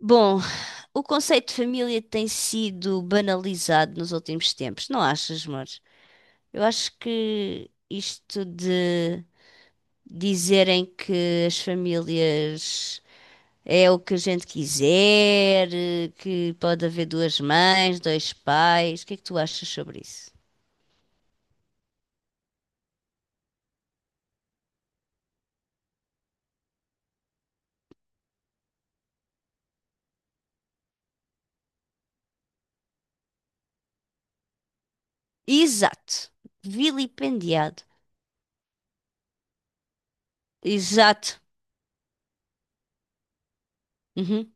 Bom, o conceito de família tem sido banalizado nos últimos tempos, não achas, amor? Eu acho que isto de dizerem que as famílias é o que a gente quiser, que pode haver duas mães, dois pais, o que é que tu achas sobre isso? Exato, vilipendiado. Exato. Uhum.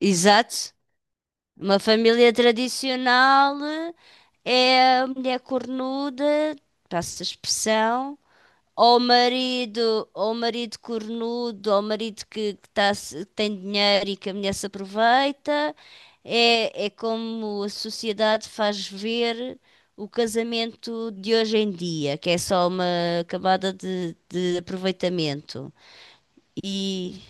Exato. Uma família tradicional é a mulher cornuda, passa a expressão, ou o marido cornudo, ou o marido que que tem dinheiro e que a mulher se aproveita. É, é como a sociedade faz ver o casamento de hoje em dia, que é só uma camada de aproveitamento. E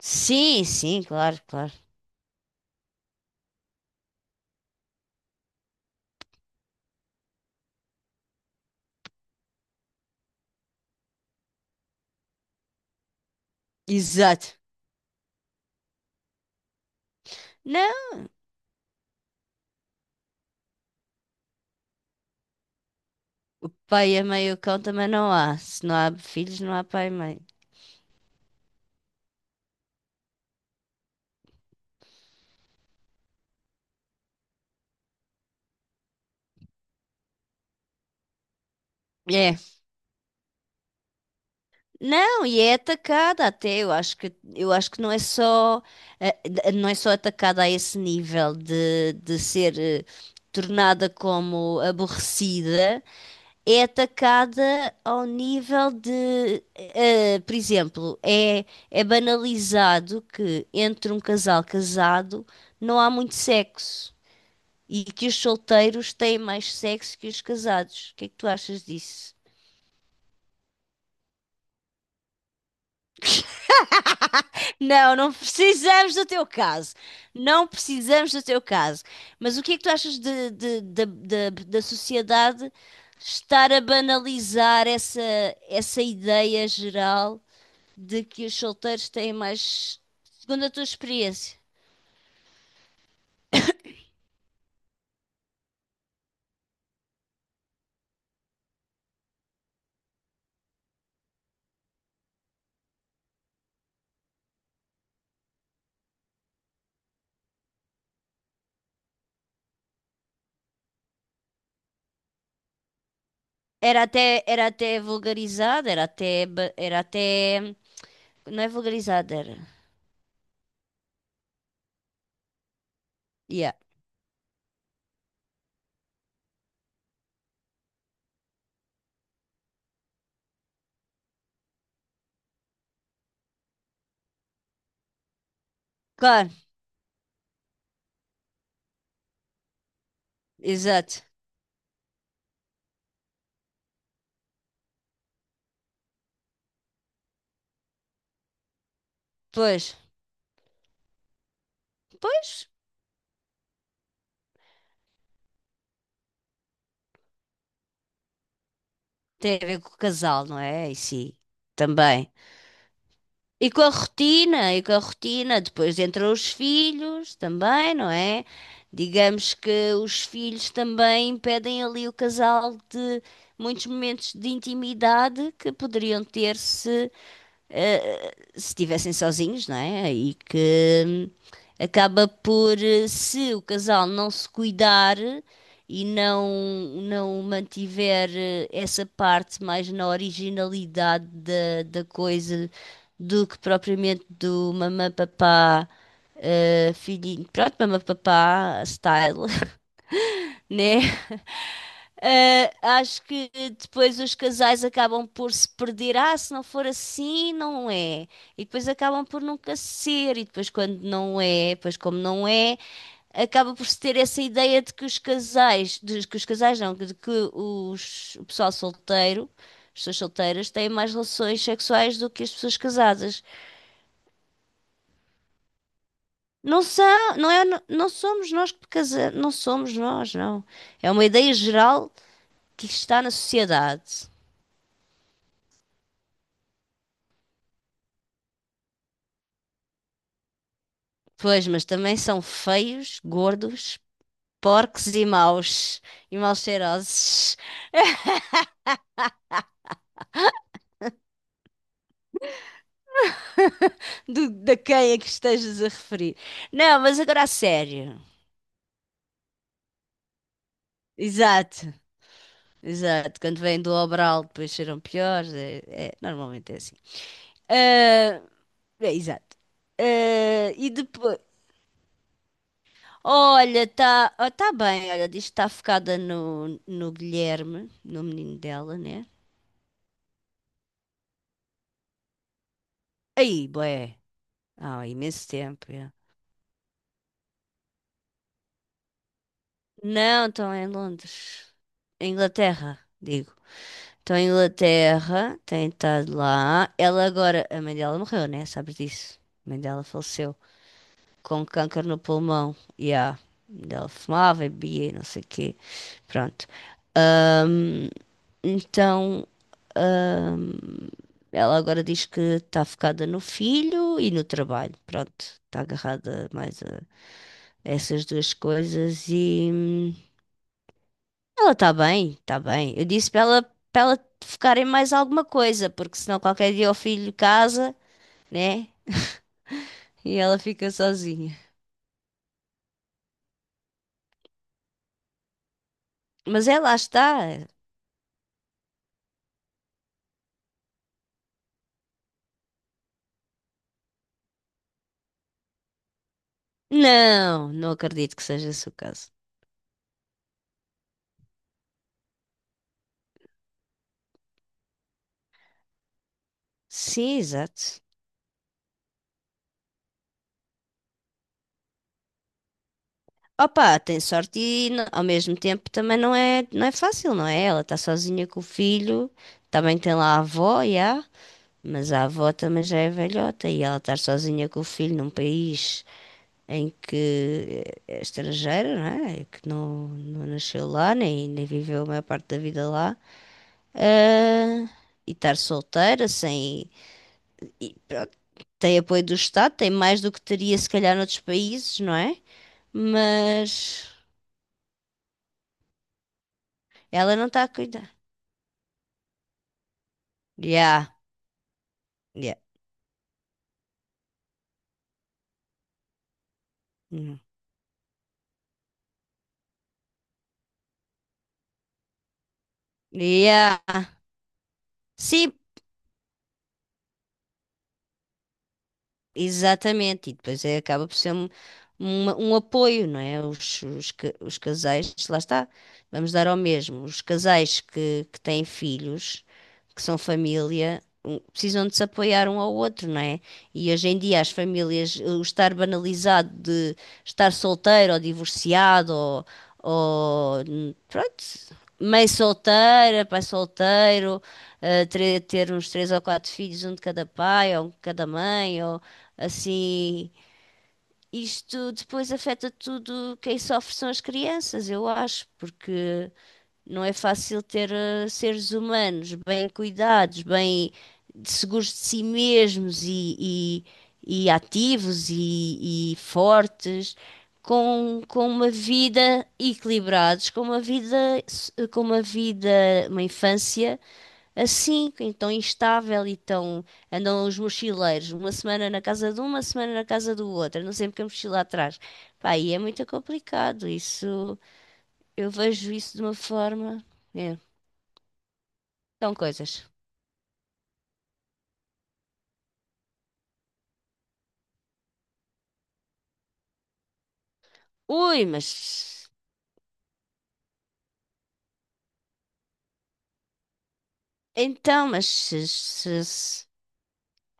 sim, sim, claro, claro. Exato. Não. Pai e a meio cão também não há. Se não há filhos, não há pai e mãe. É. Não, e é atacada até. Eu acho que não é só, não é só atacada a esse nível de ser tornada como aborrecida, é atacada ao nível de, por exemplo, é, é banalizado que entre um casal casado não há muito sexo, e que os solteiros têm mais sexo que os casados. O que é que tu achas disso? Não, não precisamos do teu caso. Não precisamos do teu caso. Mas o que é que tu achas da sociedade estar a banalizar essa, essa ideia geral de que os solteiros têm mais. Segundo a tua experiência, era até vulgarizado, era até, era até. Não é vulgarizado, era. Yeah. Claro, exato. Pois. Pois, tem a ver com o casal, não é? E sim, também. E com a rotina, e com a rotina, depois entram os filhos também, não é? Digamos que os filhos também impedem ali o casal de muitos momentos de intimidade que poderiam ter se estivessem sozinhos, não é? E que acaba por, se o casal não se cuidar e não, não mantiver essa parte mais na originalidade da, da coisa do que propriamente do mamã papá. Filhinho, pronto, mamã papá style, né? Acho que depois os casais acabam por se perder. Ah, se não for assim, não é. E depois acabam por nunca ser. E depois, quando não é, depois, como não é, acaba por se ter essa ideia de que os casais, de que os casais não, de que os, o pessoal solteiro, as pessoas solteiras, têm mais relações sexuais do que as pessoas casadas. Não são, não é, não somos nós que casamos, não somos nós, não. É uma ideia geral que está na sociedade. Pois, mas também são feios, gordos, porcos e maus. E mal cheirosos. Do, da quem é que estejas a referir. Não, mas agora a sério. Exato, exato. Quando vêm do Obral, depois cheiram piores. É, normalmente é assim. Ah, é, exato. Ah, e depois. Olha, tá bem. Olha, diz que está focada no, no Guilherme, no menino dela, né? Aí, bué. Ah, há imenso tempo. É. Não, estão em Londres. Em Inglaterra, digo. Estão em Inglaterra, tem estado lá. Ela agora, a mãe dela morreu, né? Sabes disso? A mãe dela faleceu com câncer no pulmão. E a mãe dela fumava e bebia, e não sei o quê. Pronto. Ahm, então, ahm, ela agora diz que está focada no filho e no trabalho. Pronto, está agarrada mais a essas duas coisas e. Ela está bem, está bem. Eu disse para ela focar em mais alguma coisa, porque senão qualquer dia o filho casa, né? E ela fica sozinha. Mas ela está. Não, não acredito que seja esse o caso. Sim, exato. Opa, tem sorte e ao mesmo tempo também não é, não é fácil, não é? Ela está sozinha com o filho, também tem lá a avó, já, mas a avó também já é velhota e ela estar sozinha com o filho num país. Em que é estrangeira, não é? E que não, não nasceu lá, nem, nem viveu a maior parte da vida lá, ah, e estar solteira, sem. E pronto, tem apoio do Estado, tem mais do que teria se calhar noutros países, não é? Mas ela não está a cuidar. Yeah, yeah, hum, yeah. Sim, exatamente, e depois é, acaba por ser um, um apoio, não é? Os, os casais, lá está, vamos dar ao mesmo. Os casais que têm filhos, que são família, precisam de se apoiar um ao outro, não é? E hoje em dia as famílias, o estar banalizado de estar solteiro ou divorciado ou pronto, mãe solteira, pai solteiro, ter uns três ou quatro filhos, um de cada pai ou um de cada mãe, ou assim, isto depois afeta tudo, quem sofre são as crianças, eu acho, porque não é fácil ter seres humanos bem cuidados, bem seguros de si mesmos e ativos e fortes, com uma vida equilibrados, com uma vida, com uma vida, uma infância assim, então instável e tão. Andam os mochileiros, uma semana na casa de um, uma semana na casa do outro, andam sempre com a mochila atrás. Pá, e é muito complicado. Isso, eu vejo isso de uma forma. É, são coisas. Ui, mas. Então, mas.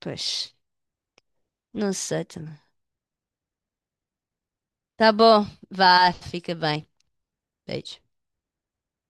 Pois, não sei também. Tá bom, vá, fica bem. Beijo.